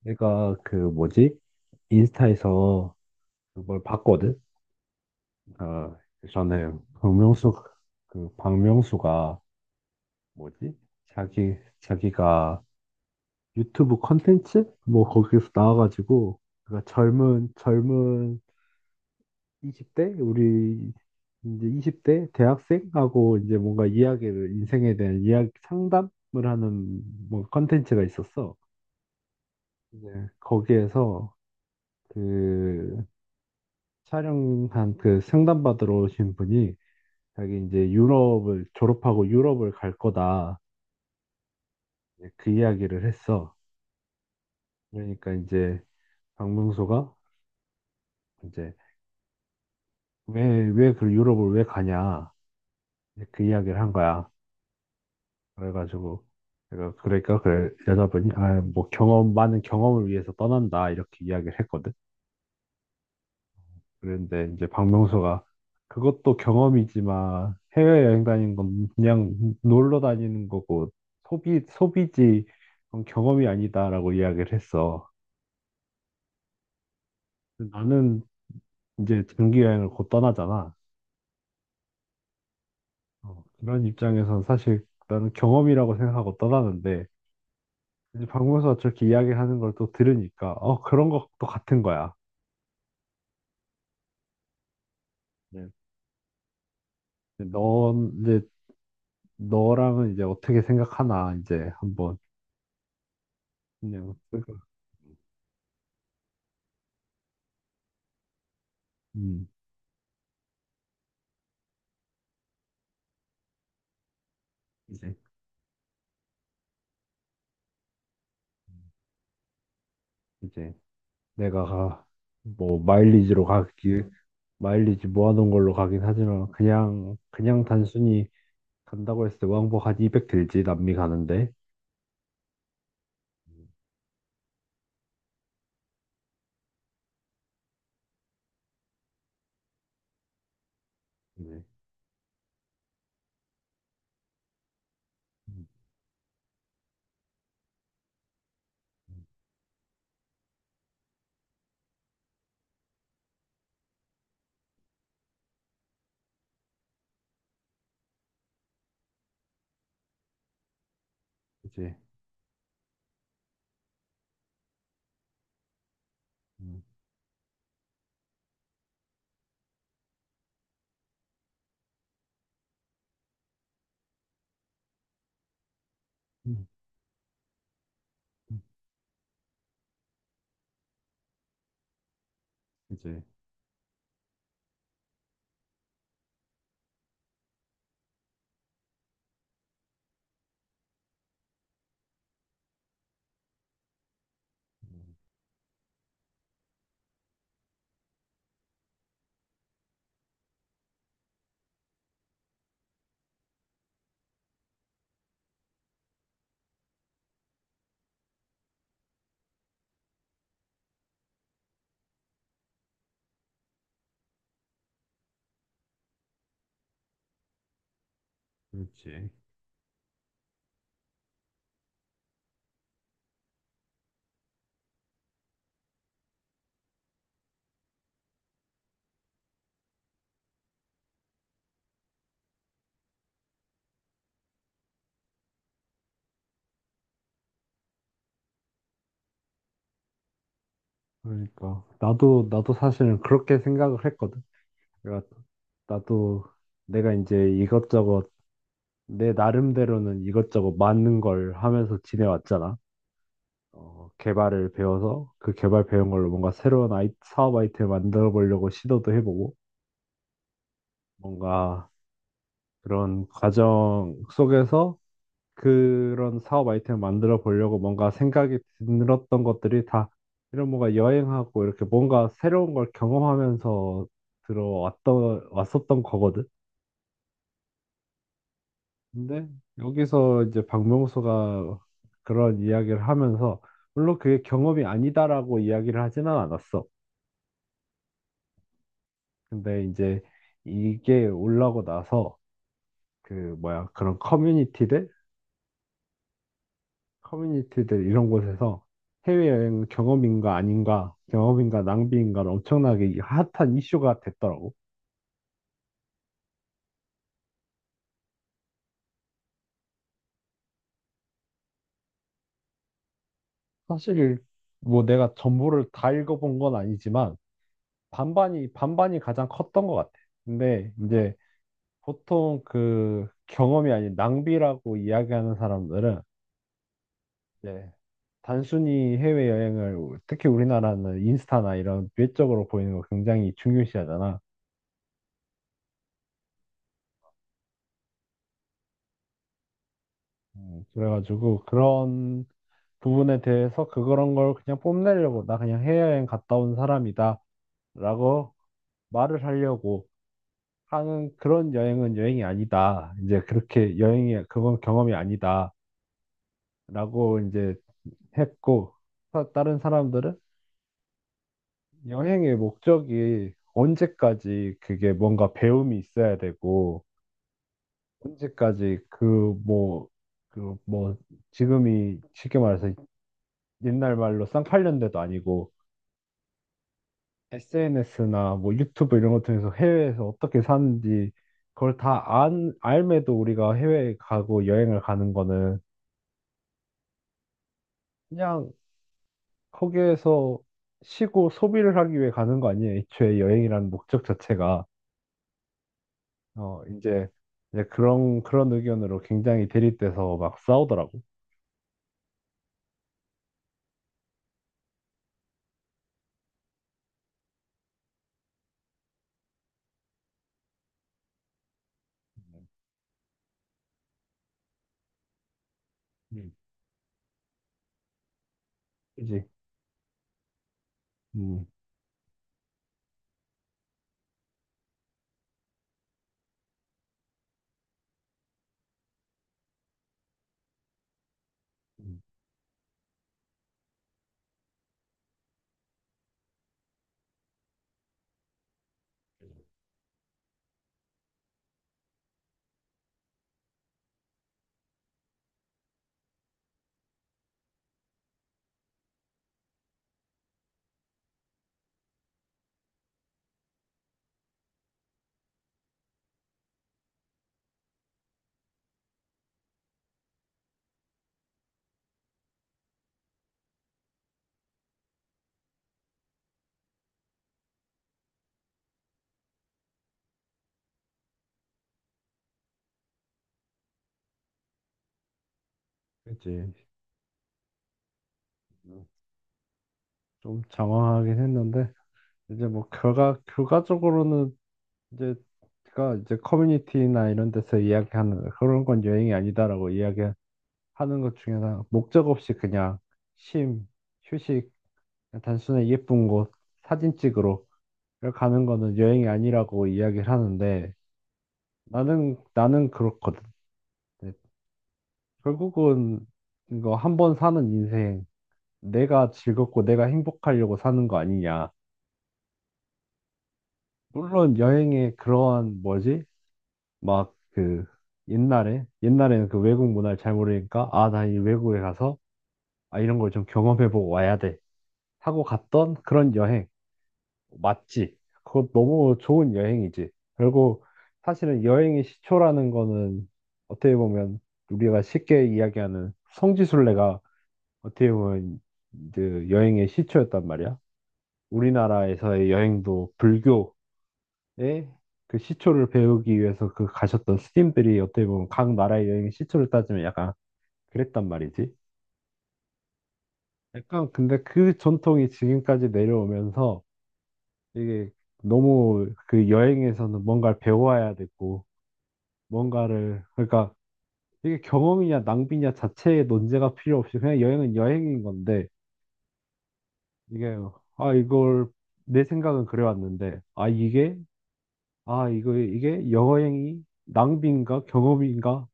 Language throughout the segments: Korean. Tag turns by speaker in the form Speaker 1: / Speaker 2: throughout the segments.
Speaker 1: 내가 그 뭐지? 인스타에서 그걸 봤거든. 아, 전에 박명수 박명수가 뭐지? 자기 자기가 유튜브 컨텐츠 뭐 거기에서 나와가지고 그가 젊은 20대 우리 이제 20대 대학생하고 이제 뭔가 이야기를, 인생에 대한 이야기 상담을 하는 뭐 컨텐츠가 있었어. 이제 거기에서 그 촬영한, 그 상담 받으러 오신 분이 자기 이제 유럽을 졸업하고 유럽을 갈 거다, 이제 그 이야기를 했어. 그러니까 이제 박명수가 이제 왜왜 그 유럽을 왜 가냐, 이제 그 이야기를 한 거야. 그래가지고 내가, 그러니까 그 여자분이 아, 뭐 경험, 많은 경험을 위해서 떠난다 이렇게 이야기를 했거든. 그런데 이제 박명수가 그것도 경험이지만 해외여행 다니는 건 그냥 놀러 다니는 거고 소비지 그건 경험이 아니다라고 이야기를 했어. 근데 나는 이제 장기여행을 곧 떠나잖아. 어, 그런 입장에선 사실 나는 경험이라고 생각하고 떠나는데, 이제 박명수가 저렇게 이야기하는 걸 또 들으니까 어, 그런 것도 같은 거야. 네. 근데 넌 이제, 너랑은 이제 어떻게 생각하나 이제 한번, 그냥. 음, 이제 이제 내가 뭐 마일리지 모아놓은 걸로 가긴 하지만 그냥 단순히 간다고 했을 때 왕복 한 200 들지, 남미 가는데. 네. 음, 음, 음, 그치. 음, 음, 그치. 그렇지. 그러니까 나도 사실은 그렇게 생각을 했거든. 내가 나도 내가 이제 이것저것, 내 나름대로는 이것저것 맞는 걸 하면서 지내왔잖아. 어, 개발을 배워서 그 개발 배운 걸로 뭔가 새로운 사업 아이템을 만들어 보려고 시도도 해보고, 뭔가 그런 과정 속에서 그런 사업 아이템을 만들어 보려고 뭔가 생각이 들었던 것들이 다 이런 뭔가 여행하고 이렇게 뭔가 새로운 걸 경험하면서 들어왔던 왔었던 거거든. 근데 여기서 이제 박명수가 그런 이야기를 하면서 물론 그게 경험이 아니다라고 이야기를 하지는 않았어. 근데 이제 이게 올라오고 나서 그 뭐야, 그런 커뮤니티들 이런 곳에서 해외여행 경험인가 아닌가, 경험인가 낭비인가, 엄청나게 이 핫한 이슈가 됐더라고. 사실 뭐 내가 전부를 다 읽어본 건 아니지만 반반이 가장 컸던 것 같아. 근데 이제 보통 그 경험이 아닌 낭비라고 이야기하는 사람들은, 네, 단순히 해외여행을, 특히 우리나라는 인스타나 이런 외적으로 보이는 거 굉장히 중요시하잖아. 그래가지고 그런 부분에 대해서 그런 걸 그냥 뽐내려고, 나 그냥 해외여행 갔다 온 사람이다. 라고 말을 하려고 하는 그런 여행은 여행이 아니다, 이제 그렇게 여행이, 그건 경험이 아니다. 라고 이제 했고, 다른 사람들은 여행의 목적이 언제까지 그게 뭔가 배움이 있어야 되고, 언제까지 그 뭐 그 뭐 지금이 쉽게 말해서 옛날 말로 쌍팔년 대도 아니고 SNS나 뭐 유튜브 이런 것 통해서 해외에서 어떻게 사는지 그걸 다 안, 알매도 우리가 해외에 가고 여행을 가는 거는 그냥 거기에서 쉬고 소비를 하기 위해 가는 거 아니에요, 애초에 여행이라는 목적 자체가. 어, 이제 그런 의견으로 굉장히 대립돼서 막 싸우더라고. 음, 그지. 음, 음, 그지. 좀 장황하긴 했는데 이제 뭐 결과적으로는 이제 가 이제 커뮤니티나 이런 데서 이야기하는 그런 건 여행이 아니다라고 이야기하는 것 중에 하나, 목적 없이 그냥 쉼, 휴식, 단순히 예쁜 곳 사진 찍으러 가는 거는 여행이 아니라고 이야기를 하는데, 나는 그렇거든. 네, 결국은 이거 한 번 사는 인생, 내가 즐겁고 내가 행복하려고 사는 거 아니냐. 물론 여행에 그러한 뭐지? 막 그 옛날에는 그 외국 문화를 잘 모르니까 아, 나 이 외국에 가서 아, 이런 걸 좀 경험해보고 와야 돼 하고 갔던 그런 여행, 맞지? 그거 너무 좋은 여행이지. 결국 사실은 여행의 시초라는 거는 어떻게 보면 우리가 쉽게 이야기하는 성지순례가 어떻게 보면 그 여행의 시초였단 말이야. 우리나라에서의 여행도 불교, 예, 그 시초를 배우기 위해서 그 가셨던 스님들이, 어떻게 보면 각 나라의 여행의 시초를 따지면 약간 그랬단 말이지. 약간 근데 그 전통이 지금까지 내려오면서 이게 너무 그 여행에서는 뭔가를 배워야 되고 뭔가를, 그러니까 이게 경험이냐 낭비냐 자체의 논제가 필요 없이 그냥 여행은 여행인 건데, 이게 아 이걸 내 생각은 그래왔는데, 아 이게 아 이거 이게 여행이 낭비인가 경험인가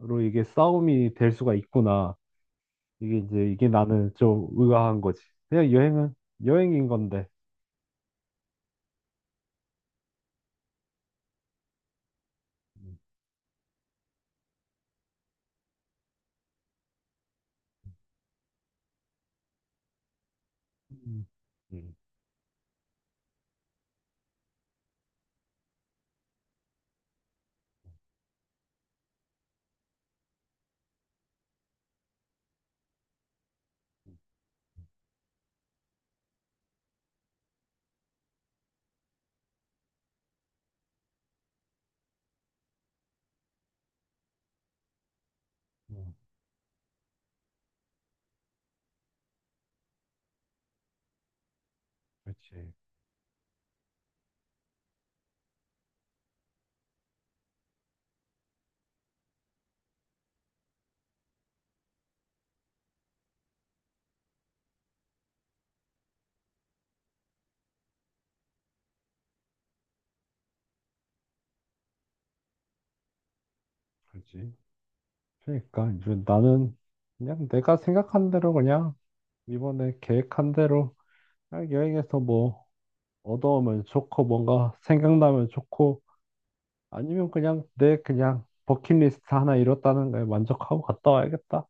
Speaker 1: 로 이게 싸움이 될 수가 있구나. 이게 나는 좀 의아한 거지. 그냥 여행은 여행인 건데. 음, 음, 음, 음. 그렇지, 그렇지. 그러니까 이제 나는 그냥 내가 생각한 대로, 그냥 이번에 계획한 대로 그냥 여행에서 뭐 얻어오면 좋고, 뭔가 생각나면 좋고, 아니면 그냥 내 그냥 버킷리스트 하나 이뤘다는 거에 만족하고 갔다 와야겠다.